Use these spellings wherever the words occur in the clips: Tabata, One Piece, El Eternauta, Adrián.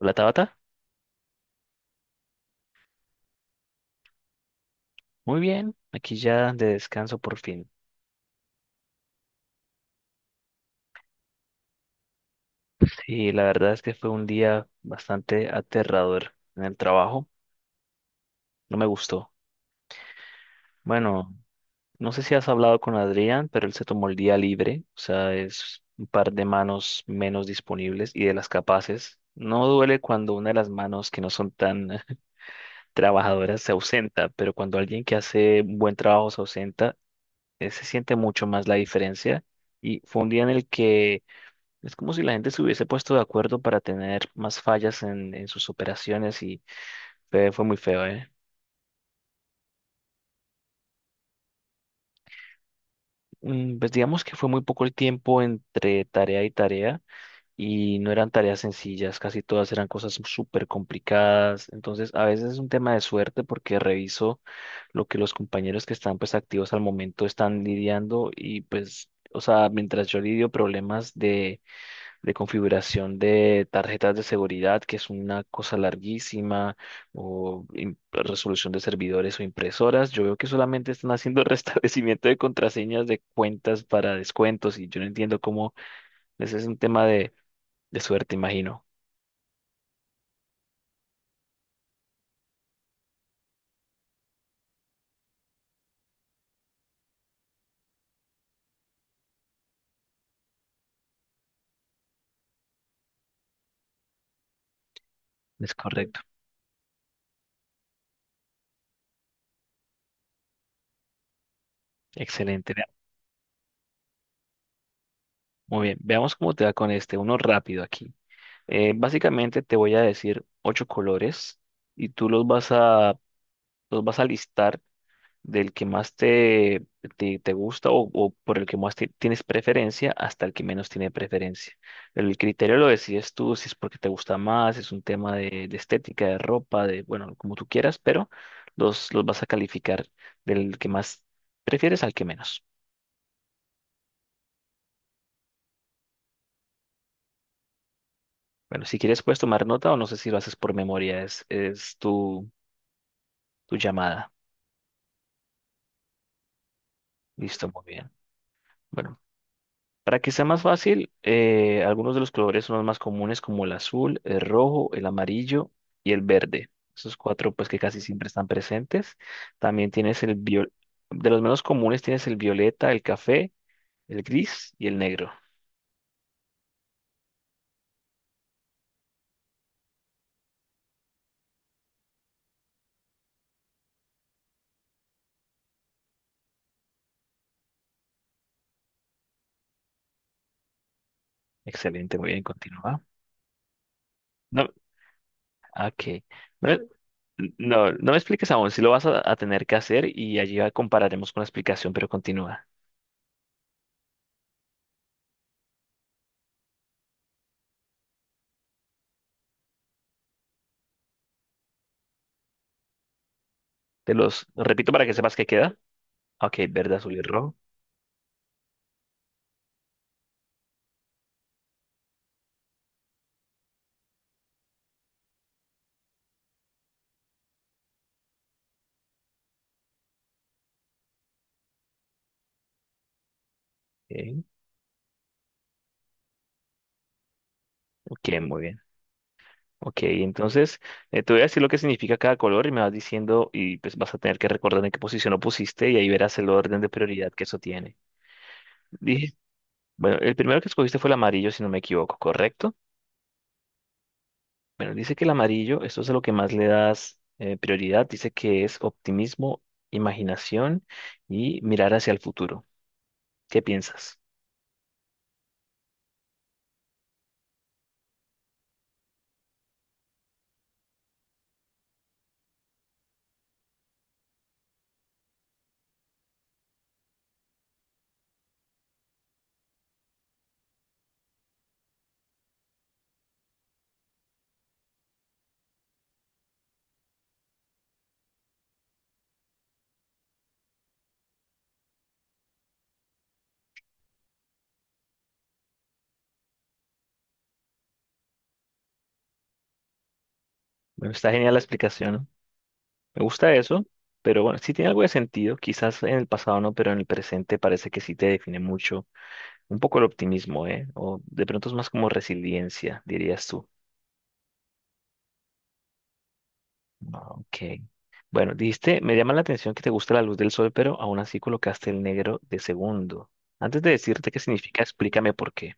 Hola Tabata, muy bien, aquí ya de descanso por fin. Sí, la verdad es que fue un día bastante aterrador en el trabajo, no me gustó. Bueno, no sé si has hablado con Adrián, pero él se tomó el día libre, o sea, es un par de manos menos disponibles y de las capaces. No duele cuando una de las manos que no son tan trabajadoras se ausenta, pero cuando alguien que hace un buen trabajo se ausenta, se siente mucho más la diferencia. Y fue un día en el que es como si la gente se hubiese puesto de acuerdo para tener más fallas en sus operaciones y fue muy feo, ¿eh? Pues digamos que fue muy poco el tiempo entre tarea y tarea y no eran tareas sencillas, casi todas eran cosas súper complicadas, entonces a veces es un tema de suerte porque reviso lo que los compañeros que están pues activos al momento están lidiando y pues, o sea, mientras yo lidio problemas de configuración de tarjetas de seguridad, que es una cosa larguísima, o resolución de servidores o impresoras. Yo veo que solamente están haciendo restablecimiento de contraseñas de cuentas para descuentos y yo no entiendo cómo ese es un tema de suerte, imagino. Es correcto. Excelente. Muy bien. Veamos cómo te va con este. Uno rápido aquí. Básicamente te voy a decir ocho colores y tú los vas a listar del que más te gusta o por el que más tienes preferencia hasta el que menos tiene preferencia. El criterio lo decides tú, si es porque te gusta más, es un tema de estética, de ropa, de, bueno, como tú quieras, pero los vas a calificar del que más prefieres al que menos. Bueno, si quieres puedes tomar nota o no sé si lo haces por memoria, es tu llamada. Listo, muy bien. Bueno. Para que sea más fácil, algunos de los colores son los más comunes como el azul, el rojo, el amarillo y el verde. Esos cuatro pues que casi siempre están presentes. También tienes de los menos comunes tienes el violeta, el café, el gris y el negro. Excelente, muy bien, continúa. No, ok. No, no, no me expliques aún, si lo vas a tener que hacer y allí ya compararemos con la explicación, pero continúa. Te los repito para que sepas qué queda. Ok, verde, azul y rojo. Ok, ok, muy bien. Ok, entonces te voy a decir lo que significa cada color y me vas diciendo y pues vas a tener que recordar en qué posición lo pusiste y ahí verás el orden de prioridad que eso tiene. Dije, bueno, el primero que escogiste fue el amarillo, si no me equivoco, ¿correcto? Bueno, dice que el amarillo, esto es a lo que más le das prioridad, dice que es optimismo, imaginación y mirar hacia el futuro. ¿Qué piensas? Bueno, está genial la explicación, ¿no? Me gusta eso, pero bueno, sí tiene algo de sentido, quizás en el pasado no, pero en el presente parece que sí te define mucho un poco el optimismo, ¿eh? O de pronto es más como resiliencia, dirías tú. Ah, ok. Bueno, dijiste, me llama la atención que te gusta la luz del sol, pero aún así colocaste el negro de segundo. Antes de decirte qué significa, explícame por qué.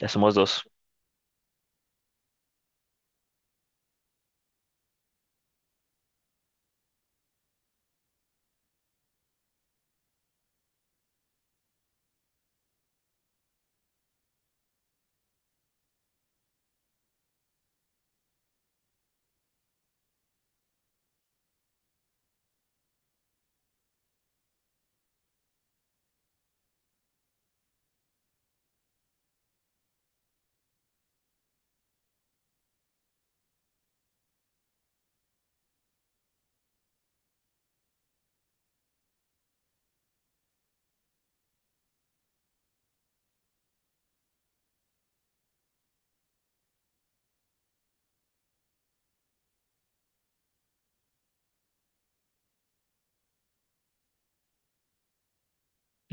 Ya somos dos.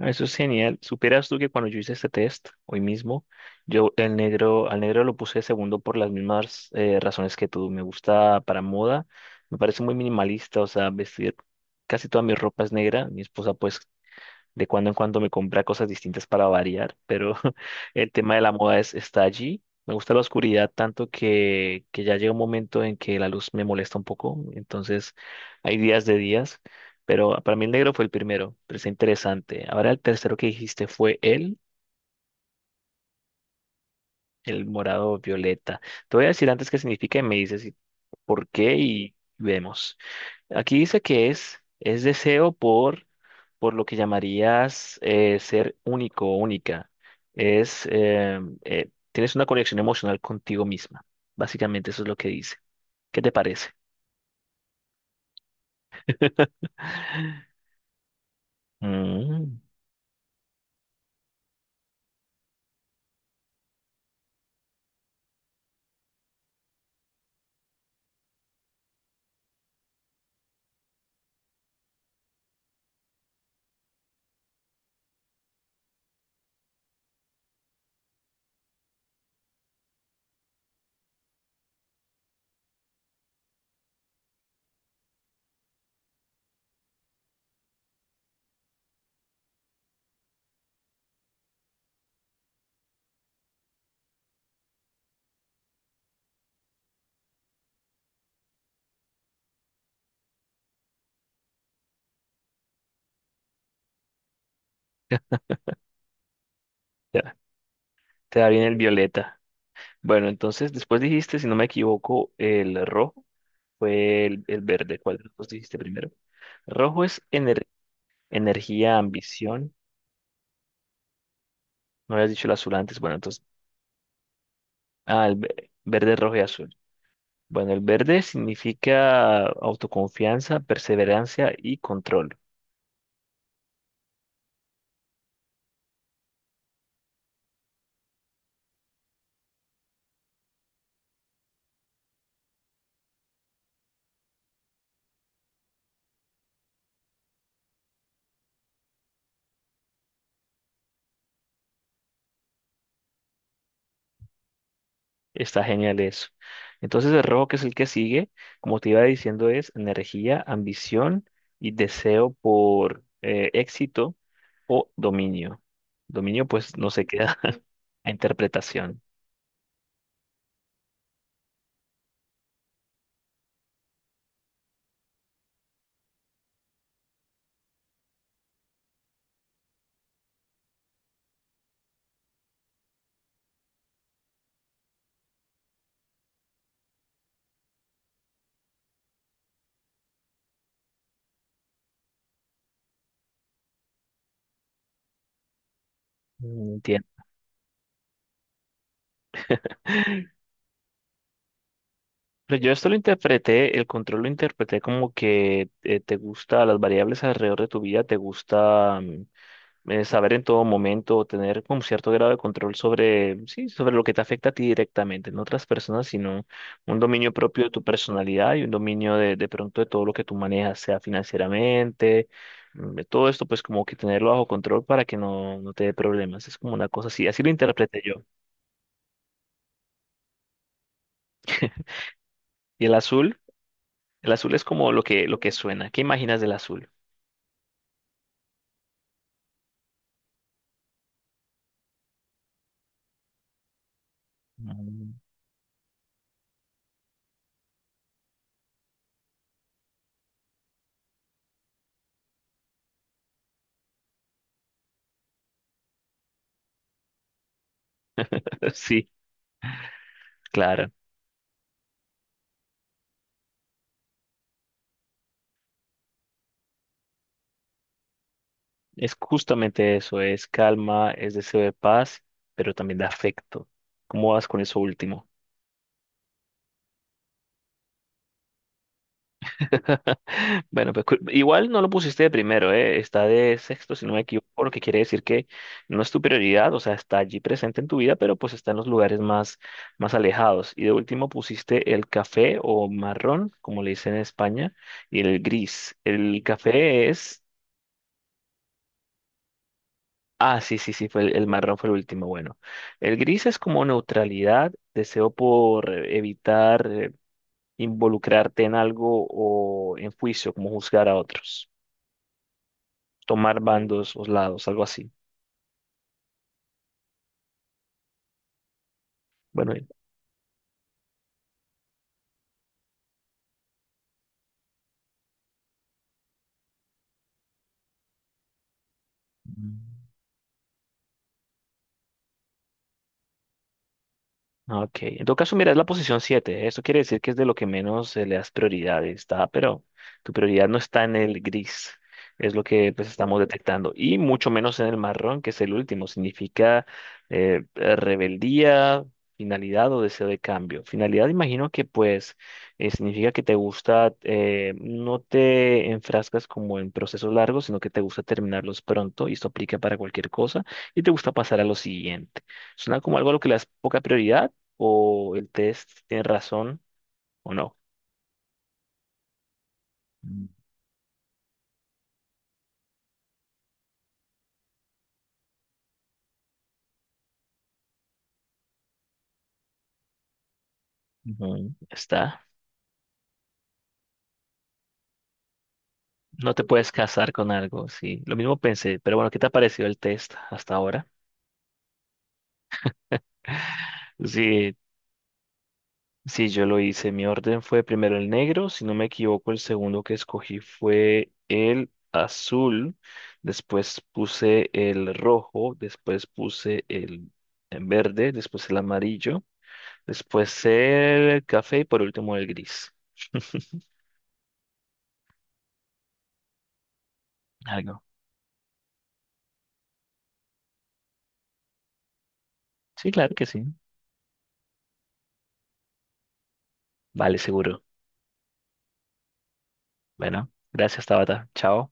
Ah, eso es genial. Supieras tú que cuando yo hice este test, hoy mismo, yo el negro, al negro lo puse de segundo por las mismas razones que tú. Me gusta para moda, me parece muy minimalista, o sea, vestir casi toda mi ropa es negra. Mi esposa pues de cuando en cuando me compra cosas distintas para variar, pero el tema de la moda es, está allí. Me gusta la oscuridad tanto que ya llega un momento en que la luz me molesta un poco. Entonces hay días de días, pero para mí el negro fue el primero, pero está interesante. Ahora el tercero que dijiste fue el morado violeta. Te voy a decir antes qué significa y me dices si, por qué y vemos. Aquí dice que es deseo por lo que llamarías ser único o única. Es, eh, tienes una conexión emocional contigo misma. Básicamente eso es lo que dice. ¿Qué te parece? Mm, te da te da bien el violeta. Bueno, entonces después dijiste, si no me equivoco, el rojo fue el verde. ¿Cuál de los dos dijiste primero? Rojo es energía, ambición. No habías dicho el azul antes. Bueno, entonces, verde, rojo y azul. Bueno, el verde significa autoconfianza, perseverancia y control. Está genial eso. Entonces el rojo, que es el que sigue, como te iba diciendo, es energía, ambición y deseo por éxito o dominio. Dominio, pues no se queda a interpretación. Mm, entiendo. Pero yo esto lo interpreté, el control lo interpreté como que te gusta las variables alrededor de tu vida, te gusta saber en todo momento, tener como cierto grado de control sobre, sí, sobre lo que te afecta a ti directamente, no otras personas, sino un dominio propio de tu personalidad y un dominio de pronto de todo lo que tú manejas, sea financieramente, de todo esto, pues como que tenerlo bajo control para que no te dé problemas. Es como una cosa así, así lo interpreté yo. Y el azul es como lo que suena. ¿Qué imaginas del azul? Mm. Sí, claro. Es justamente eso, es calma, es deseo de paz, pero también de afecto. ¿Cómo vas con eso último? Bueno, pues igual no lo pusiste de primero, ¿eh? Está de sexto, si no me equivoco, lo que quiere decir que no es tu prioridad, o sea, está allí presente en tu vida, pero pues está en los lugares más, más alejados. Y de último pusiste el café o marrón, como le dicen en España, y el gris. El café es... Ah, sí, sí, sí, fue el marrón fue el último. Bueno, el gris es como neutralidad, deseo por evitar involucrarte en algo o en juicio, como juzgar a otros, tomar bandos o lados, algo así. Bueno. Mm. Ah, ok, en todo caso, mira, es la posición 7. Eso quiere decir que es de lo que menos le das prioridad, está, pero tu prioridad no está en el gris, es lo que pues estamos detectando, y mucho menos en el marrón, que es el último. Significa rebeldía, finalidad o deseo de cambio. Finalidad, imagino que pues significa que te gusta, no te enfrascas como en procesos largos, sino que te gusta terminarlos pronto, y esto aplica para cualquier cosa, y te gusta pasar a lo siguiente. Suena como algo a lo que le das poca prioridad o el test tiene razón o no. Mm, ujú. Está. No te puedes casar con algo, sí. Lo mismo pensé, pero bueno, ¿qué te ha parecido el test hasta ahora? Sí, sí, yo lo hice. Mi orden fue primero el negro, si no me equivoco, el segundo que escogí fue el azul, después puse el rojo, después puse el verde, después el amarillo, después el café y por último el gris. Algo. Sí, claro que sí. Vale, seguro. Bueno, gracias, Tabata. Chao.